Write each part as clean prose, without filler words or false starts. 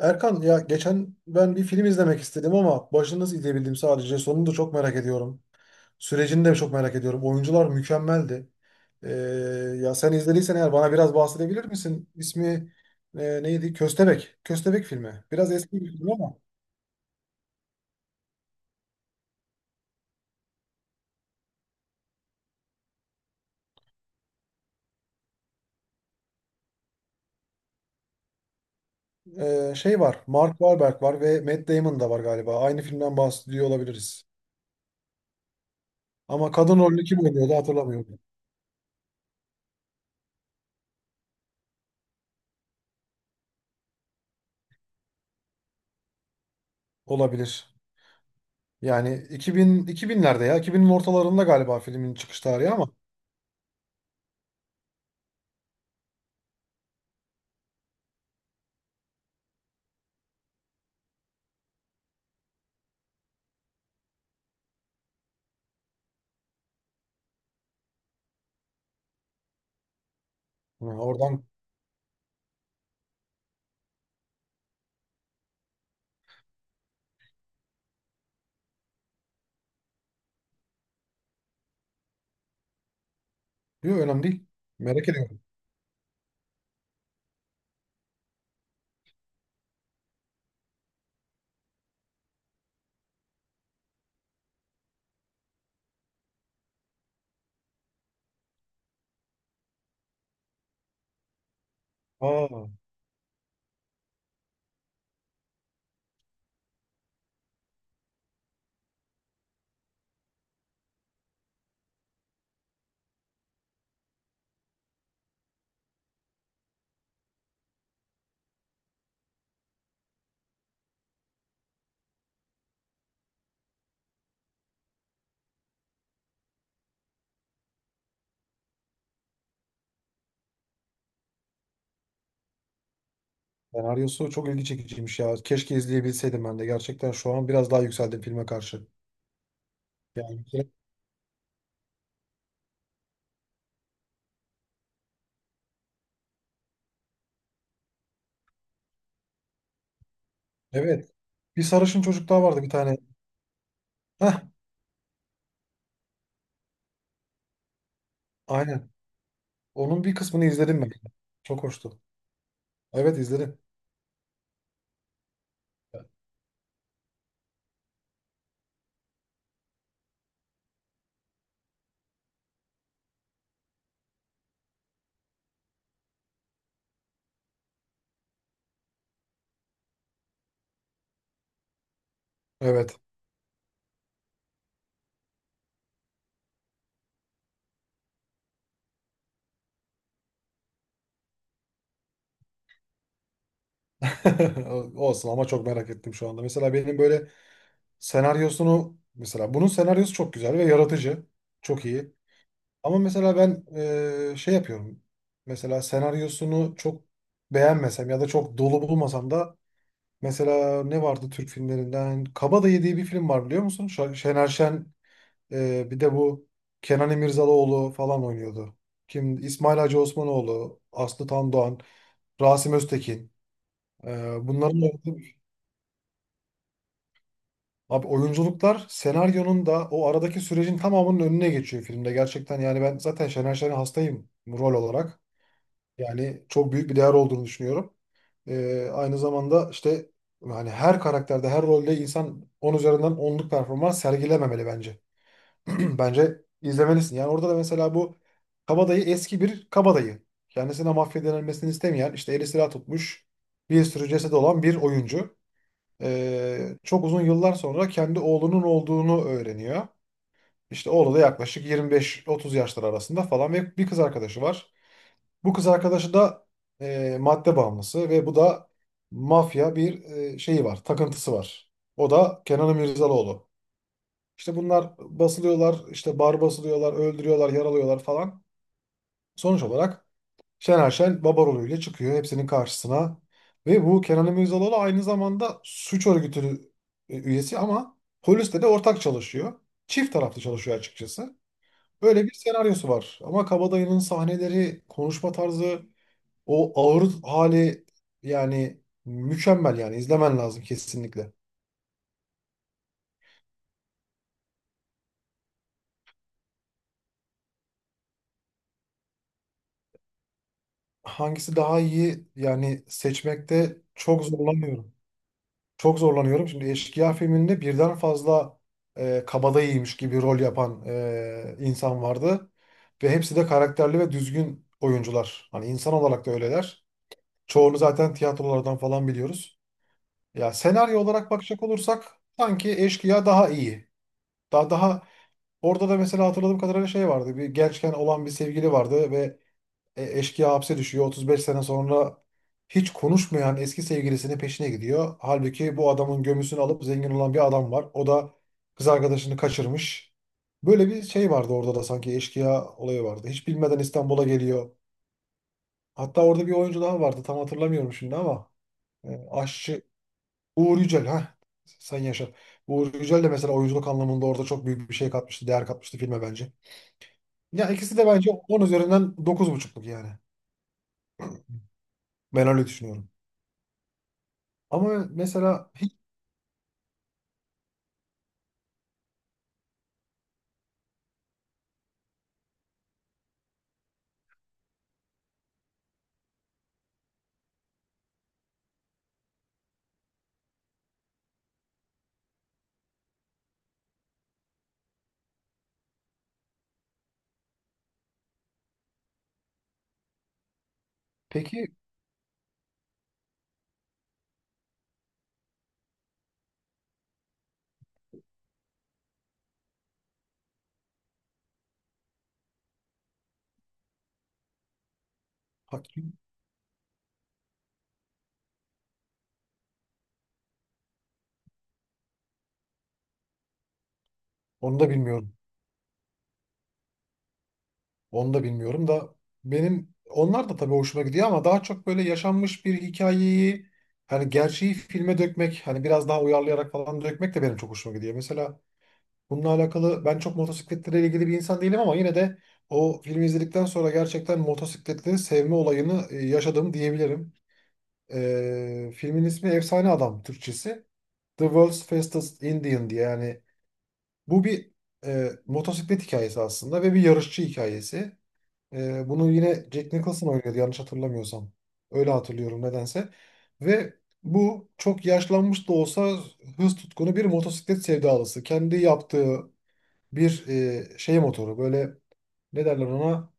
Erkan ya geçen ben bir film izlemek istedim ama başını nasıl izleyebildim sadece. Sonunu da çok merak ediyorum. Sürecini de çok merak ediyorum. Oyuncular mükemmeldi. Ee, ya sen izlediysen eğer bana biraz bahsedebilir misin? İsmi neydi? Köstebek. Köstebek filmi. Biraz eski bir film ama şey var. Mark Wahlberg var ve Matt Damon da var galiba. Aynı filmden bahsediyor olabiliriz. Ama kadın rolünü kim oynuyordu hatırlamıyorum. Olabilir. Yani 2000, 2000'lerde ya 2000'in ortalarında galiba filmin çıkış tarihi ama. Ha, oradan. Yok, önemli değil. Merak ediyorum. Aa, senaryosu çok ilgi çekiciymiş ya. Keşke izleyebilseydim ben de. Gerçekten şu an biraz daha yükseldim filme karşı. Yani bir kere- evet. Bir sarışın çocuk daha vardı bir tane. Heh, aynen. Onun bir kısmını izledim ben. Çok hoştu. Evet, izledim. Evet. Olsun ama çok merak ettim şu anda. Mesela benim böyle senaryosunu, mesela bunun senaryosu çok güzel ve yaratıcı. Çok iyi. Ama mesela ben şey yapıyorum. Mesela senaryosunu çok beğenmesem ya da çok dolu bulmasam da mesela ne vardı Türk filmlerinden? Kabadayı diye bir film var, biliyor musun? Şener Şen bir de bu Kenan İmirzalıoğlu falan oynuyordu. Kim? İsmail Hacı Osmanoğlu, Aslı Tandoğan, Rasim Öztekin. Bunların Abi, oyunculuklar senaryonun da o aradaki sürecin tamamının önüne geçiyor filmde. Gerçekten yani ben zaten Şener Şen'e hastayım rol olarak. Yani çok büyük bir değer olduğunu düşünüyorum. Aynı zamanda işte yani her karakterde, her rolde insan 10 üzerinden onluk performans sergilememeli bence. Bence izlemelisin. Yani orada da mesela bu kabadayı eski bir kabadayı. Kendisine mahvedilmesini denilmesini istemeyen, işte eli silah tutmuş, bir sürü cesedi olan bir oyuncu. Çok uzun yıllar sonra kendi oğlunun olduğunu öğreniyor. İşte oğlu da yaklaşık 25-30 yaşlar arasında falan ve bir kız arkadaşı var. Bu kız arkadaşı da madde bağımlısı ve bu da mafya bir şeyi var, takıntısı var. O da Kenan Mirzalıoğlu. İşte bunlar basılıyorlar, işte bar basılıyorlar, öldürüyorlar, yaralıyorlar falan. Sonuç olarak Şener Şen baba rolüyle çıkıyor hepsinin karşısına. Ve bu Kenan Mirzalıoğlu aynı zamanda suç örgütü üyesi ama polisle de ortak çalışıyor. Çift taraflı çalışıyor açıkçası. Böyle bir senaryosu var. Ama Kabadayı'nın sahneleri, konuşma tarzı, o ağır hali yani mükemmel, yani izlemen lazım kesinlikle. Hangisi daha iyi, yani seçmekte çok zorlanıyorum. Çok zorlanıyorum. Şimdi Eşkıya filminde birden fazla kabadayıymış gibi rol yapan insan vardı. Ve hepsi de karakterli ve düzgün oyuncular. Hani insan olarak da öyleler. Çoğunu zaten tiyatrolardan falan biliyoruz. Ya senaryo olarak bakacak olursak sanki Eşkıya daha iyi. Daha, daha orada da mesela hatırladığım kadarıyla şey vardı. Bir gençken olan bir sevgili vardı ve eşkıya hapse düşüyor. 35 sene sonra hiç konuşmayan eski sevgilisinin peşine gidiyor. Halbuki bu adamın gömüsünü alıp zengin olan bir adam var. O da kız arkadaşını kaçırmış. Böyle bir şey vardı orada da, sanki eşkıya olayı vardı. Hiç bilmeden İstanbul'a geliyor. Hatta orada bir oyuncu daha vardı. Tam hatırlamıyorum şimdi ama aşçı Uğur Yücel ha. Sen yaşa. Uğur Yücel de mesela oyunculuk anlamında orada çok büyük bir şey katmıştı, değer katmıştı filme bence. Ya ikisi de bence 10 üzerinden dokuz buçukluk yani. Ben öyle düşünüyorum. Ama mesela hiç, peki hakim, onu da bilmiyorum. Onu da bilmiyorum da benim onlar da tabii hoşuma gidiyor ama daha çok böyle yaşanmış bir hikayeyi, hani gerçeği filme dökmek, hani biraz daha uyarlayarak falan dökmek de benim çok hoşuma gidiyor. Mesela bununla alakalı ben çok motosikletlere ilgili bir insan değilim ama yine de o filmi izledikten sonra gerçekten motosikletleri sevme olayını yaşadım diyebilirim. Filmin ismi Efsane Adam Türkçesi. The World's Fastest Indian diye, yani bu bir motosiklet hikayesi aslında ve bir yarışçı hikayesi. Bunu yine Jack Nicholson oynuyordu yanlış hatırlamıyorsam. Öyle hatırlıyorum nedense. Ve bu çok yaşlanmış da olsa hız tutkunu bir motosiklet sevdalısı. Kendi yaptığı bir şey motoru, böyle ne derler ona,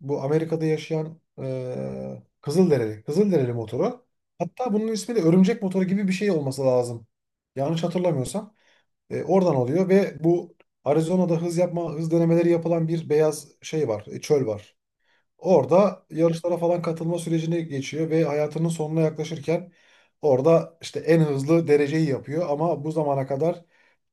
bu Amerika'da yaşayan Kızılderili, Kızılderili motoru. Hatta bunun ismi de örümcek motoru gibi bir şey olması lazım. Yanlış hatırlamıyorsam. Oradan alıyor ve bu Arizona'da hız yapma, hız denemeleri yapılan bir beyaz şey var, çöl var. Orada yarışlara falan katılma sürecine geçiyor ve hayatının sonuna yaklaşırken orada işte en hızlı dereceyi yapıyor ama bu zamana kadar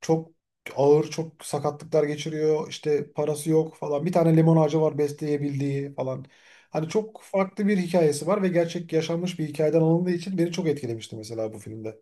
çok ağır, çok sakatlıklar geçiriyor. İşte parası yok falan. Bir tane limon ağacı var besleyebildiği falan. Hani çok farklı bir hikayesi var ve gerçek yaşanmış bir hikayeden alındığı için beni çok etkilemişti mesela bu filmde.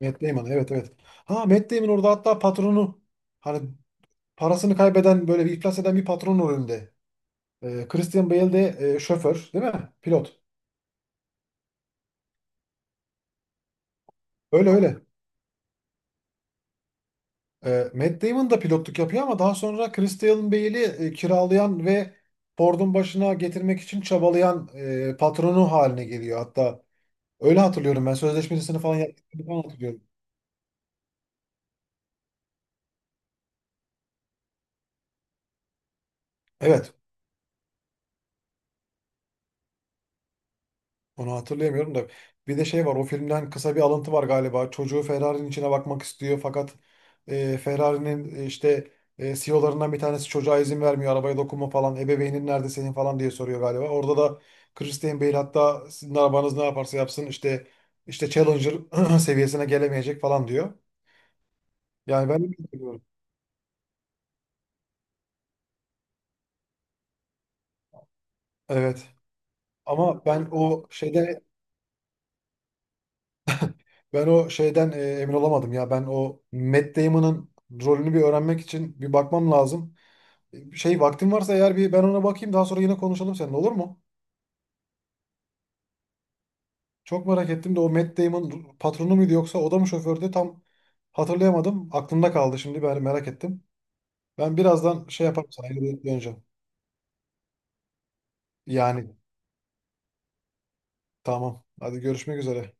Matt Damon, evet, evet. Ha, Matt Damon orada hatta patronu, hani parasını kaybeden böyle bir iflas eden bir patron rolünde. Christian Bale de şoför değil mi? Pilot. Öyle, öyle. Matt Damon da pilotluk yapıyor ama daha sonra Christian Bale'i kiralayan ve Ford'un başına getirmek için çabalayan patronu haline geliyor. Hatta öyle hatırlıyorum, ben sözleşmesini falan yaptığını falan hatırlıyorum. Evet. Onu hatırlayamıyorum da. Bir de şey var, o filmden kısa bir alıntı var galiba. Çocuğu Ferrari'nin içine bakmak istiyor fakat Ferrari'nin işte CEO'larından bir tanesi çocuğa izin vermiyor. Arabaya dokunma falan. Ebeveynin nerede senin falan diye soruyor galiba. Orada da Christian Bale hatta sizin arabanız ne yaparsa yapsın işte Challenger seviyesine gelemeyecek falan diyor. Yani ben de bilmiyorum. Evet. Ama ben o şeyden ben o şeyden emin olamadım ya. Ben o Matt Damon'ın rolünü bir öğrenmek için bir bakmam lazım. Şey, vaktin varsa eğer bir ben ona bakayım, daha sonra yine konuşalım seninle, olur mu? Çok merak ettim de o Matt Damon patronu muydu yoksa o da mı şofördü, tam hatırlayamadım. Aklımda kaldı şimdi, ben merak ettim. Ben birazdan şey yaparım, sana yine döneceğim. Yani tamam, hadi görüşmek üzere.